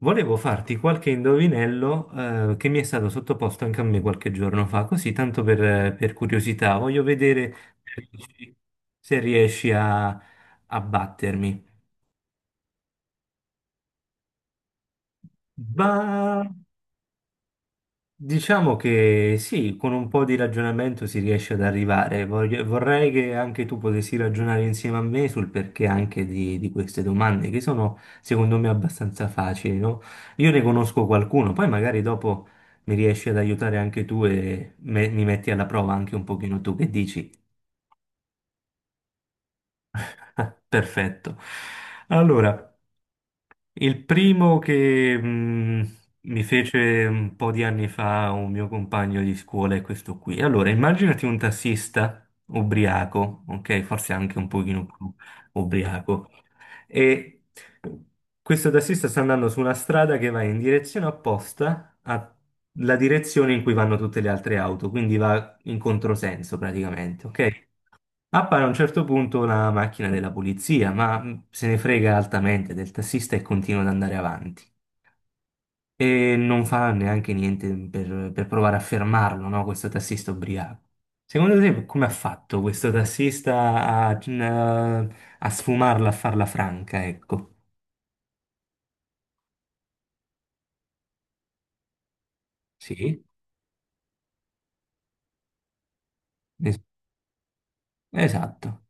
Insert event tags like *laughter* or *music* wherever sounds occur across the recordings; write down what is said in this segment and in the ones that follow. Volevo farti qualche indovinello, che mi è stato sottoposto anche a me qualche giorno fa, così tanto per curiosità. Voglio vedere se riesci a battermi. Va. Diciamo che sì, con un po' di ragionamento si riesce ad arrivare. Vorrei che anche tu potessi ragionare insieme a me sul perché anche di queste domande, che sono secondo me abbastanza facili, no? Io ne conosco qualcuno, poi magari dopo mi riesci ad aiutare anche tu e mi metti alla prova anche un pochino tu, che dici. *laughs* Perfetto. Allora. Il primo che mi fece un po' di anni fa un mio compagno di scuola è questo qui. Allora, immaginati un tassista ubriaco, ok? Forse anche un pochino più ubriaco. E questo tassista sta andando su una strada che va in direzione opposta alla direzione in cui vanno tutte le altre auto, quindi va in controsenso praticamente, ok? Appare a un certo punto una macchina della polizia, ma se ne frega altamente del tassista e continua ad andare avanti. E non fa neanche niente per provare a fermarlo, no? Questo tassista ubriaco. Secondo te, come ha fatto questo tassista a sfumarla, a farla franca, ecco? Sì, es- esatto.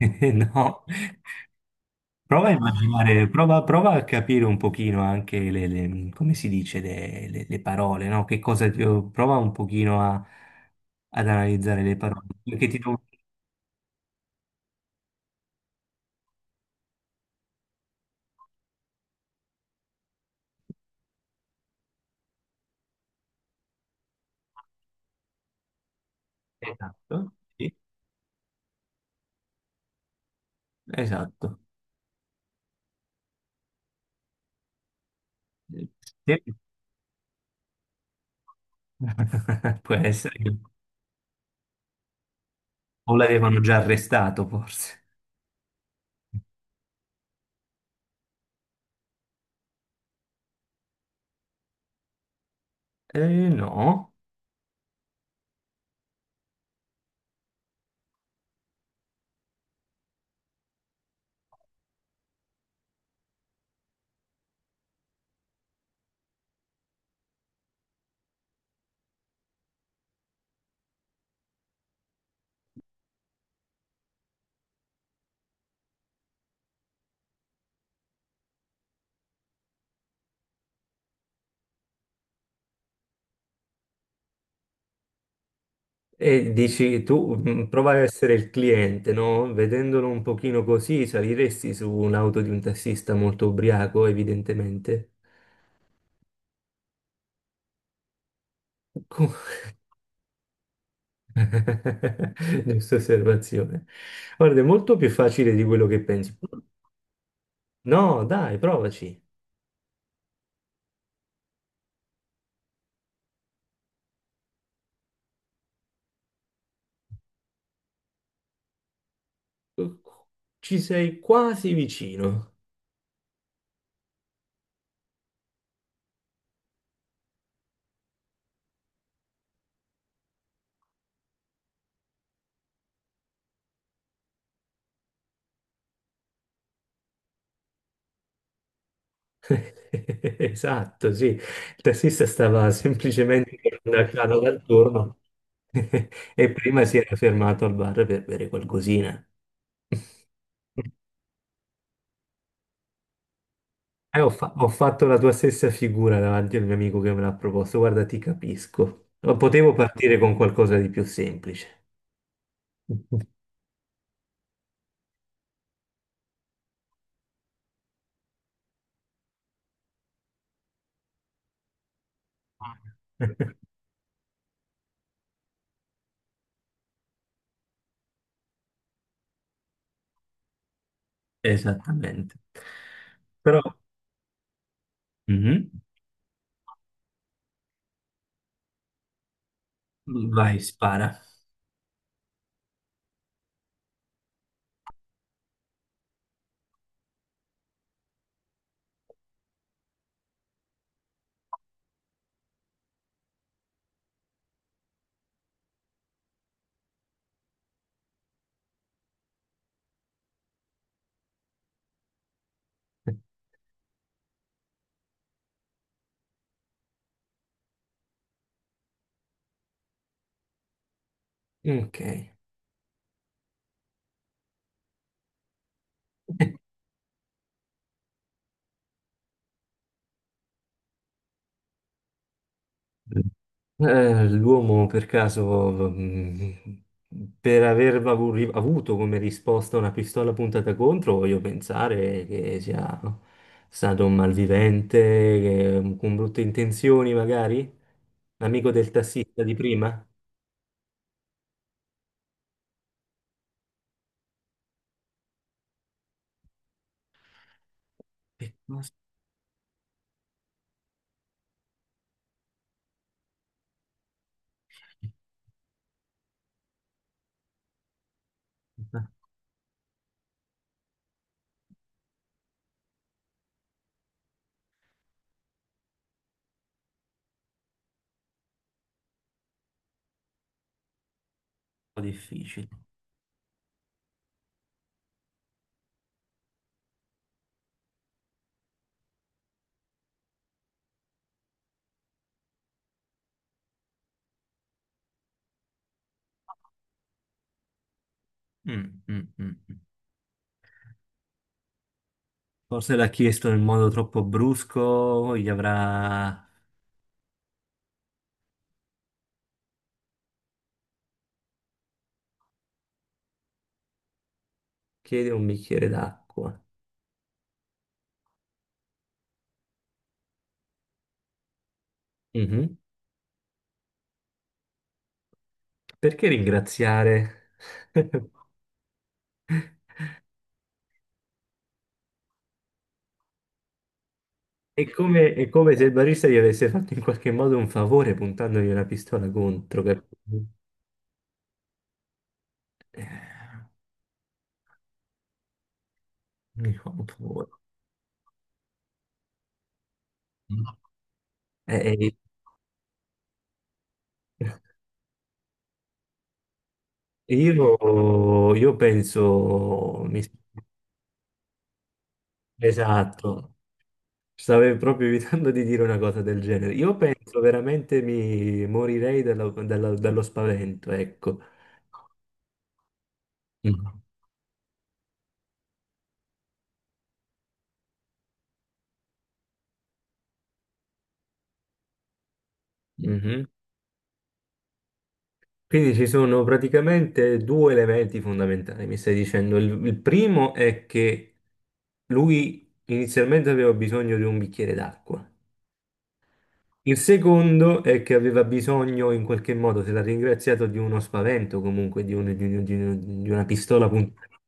*laughs* No. Prova a immaginare, prova a capire un pochino anche come si dice, le parole, no? Prova un pochino ad analizzare le parole. Perché ti do... Esatto, sì, esatto. Sì. *laughs* Può essere che o l'avevano già arrestato, forse. No. E dici tu, prova a essere il cliente, no? Vedendolo un pochino così, saliresti su un'auto di un tassista molto ubriaco, evidentemente. *laughs* Giusta osservazione. Guarda, è molto più facile di quello che pensi. No, dai, provaci. Ci sei quasi vicino. *laughs* Esatto, sì. Il tassista stava semplicemente andando dal turno *laughs* e prima si era fermato al bar per bere qualcosina. *laughs* Ho fatto la tua stessa figura davanti al mio amico che me l'ha proposto. Guarda, ti capisco. Potevo partire con qualcosa di più semplice. *laughs* Esattamente. Però. Mhm. Vai, spara. Ok. *laughs* L'uomo per caso, per avuto come risposta una pistola puntata contro, voglio pensare che sia stato un malvivente, con brutte intenzioni magari? L'amico del tassista di prima? Che cosa? Un po' difficile. Mm, mm, mm. Forse l'ha chiesto in modo troppo brusco, gli avrà chiedi un bicchiere d'acqua. Mhm. Perché ringraziare? *laughs* È come se il barista gli avesse fatto in qualche modo un favore puntandogli una pistola contro. Capito? Eh, Mi fa un favore. Eh, eh, io, penso, esatto. Stavo proprio evitando di dire una cosa del genere. Io penso veramente mi morirei dallo spavento, ecco. Mhm. Mhm. Quindi ci sono praticamente due elementi fondamentali, mi stai dicendo. Il primo è che lui inizialmente aveva bisogno di un bicchiere d'acqua. Il secondo è che aveva bisogno, in qualche modo, se l'ha ringraziato, di uno spavento, comunque di una pistola puntata.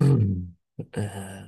*clears throat* Eh,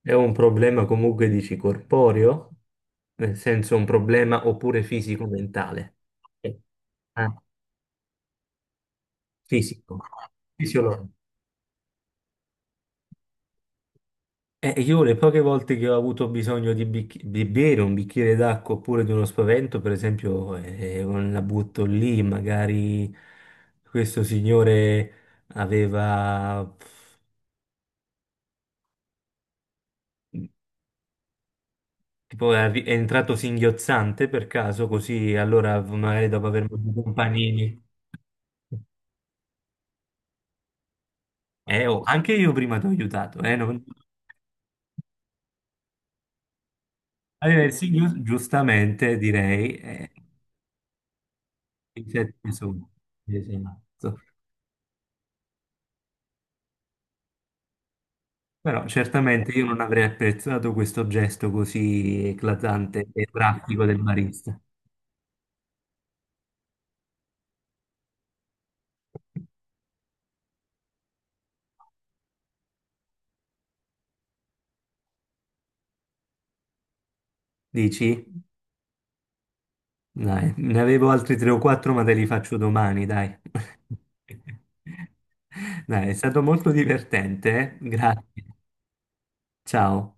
è un problema comunque, dici, corporeo, nel senso un problema oppure fisico-mentale. Eh, ah, Fisico, fisiologico. Io le poche volte che ho avuto bisogno di di bere un bicchiere d'acqua oppure di uno spavento, per esempio, la butto lì, magari questo signore aveva... Tipo è è entrato singhiozzante, per caso, così, allora magari dopo aver mangiato un panini. Oh, anche io prima ti ho aiutato, non- Allora, il signor, giustamente direi, i sette sono, esatto. Però certamente io non avrei apprezzato questo gesto così eclatante e pratico del barista. Dici? Dai, ne avevo altri tre o quattro, ma te li faccio domani, dai. *laughs* Dai, è stato molto divertente, eh? Grazie. Ciao.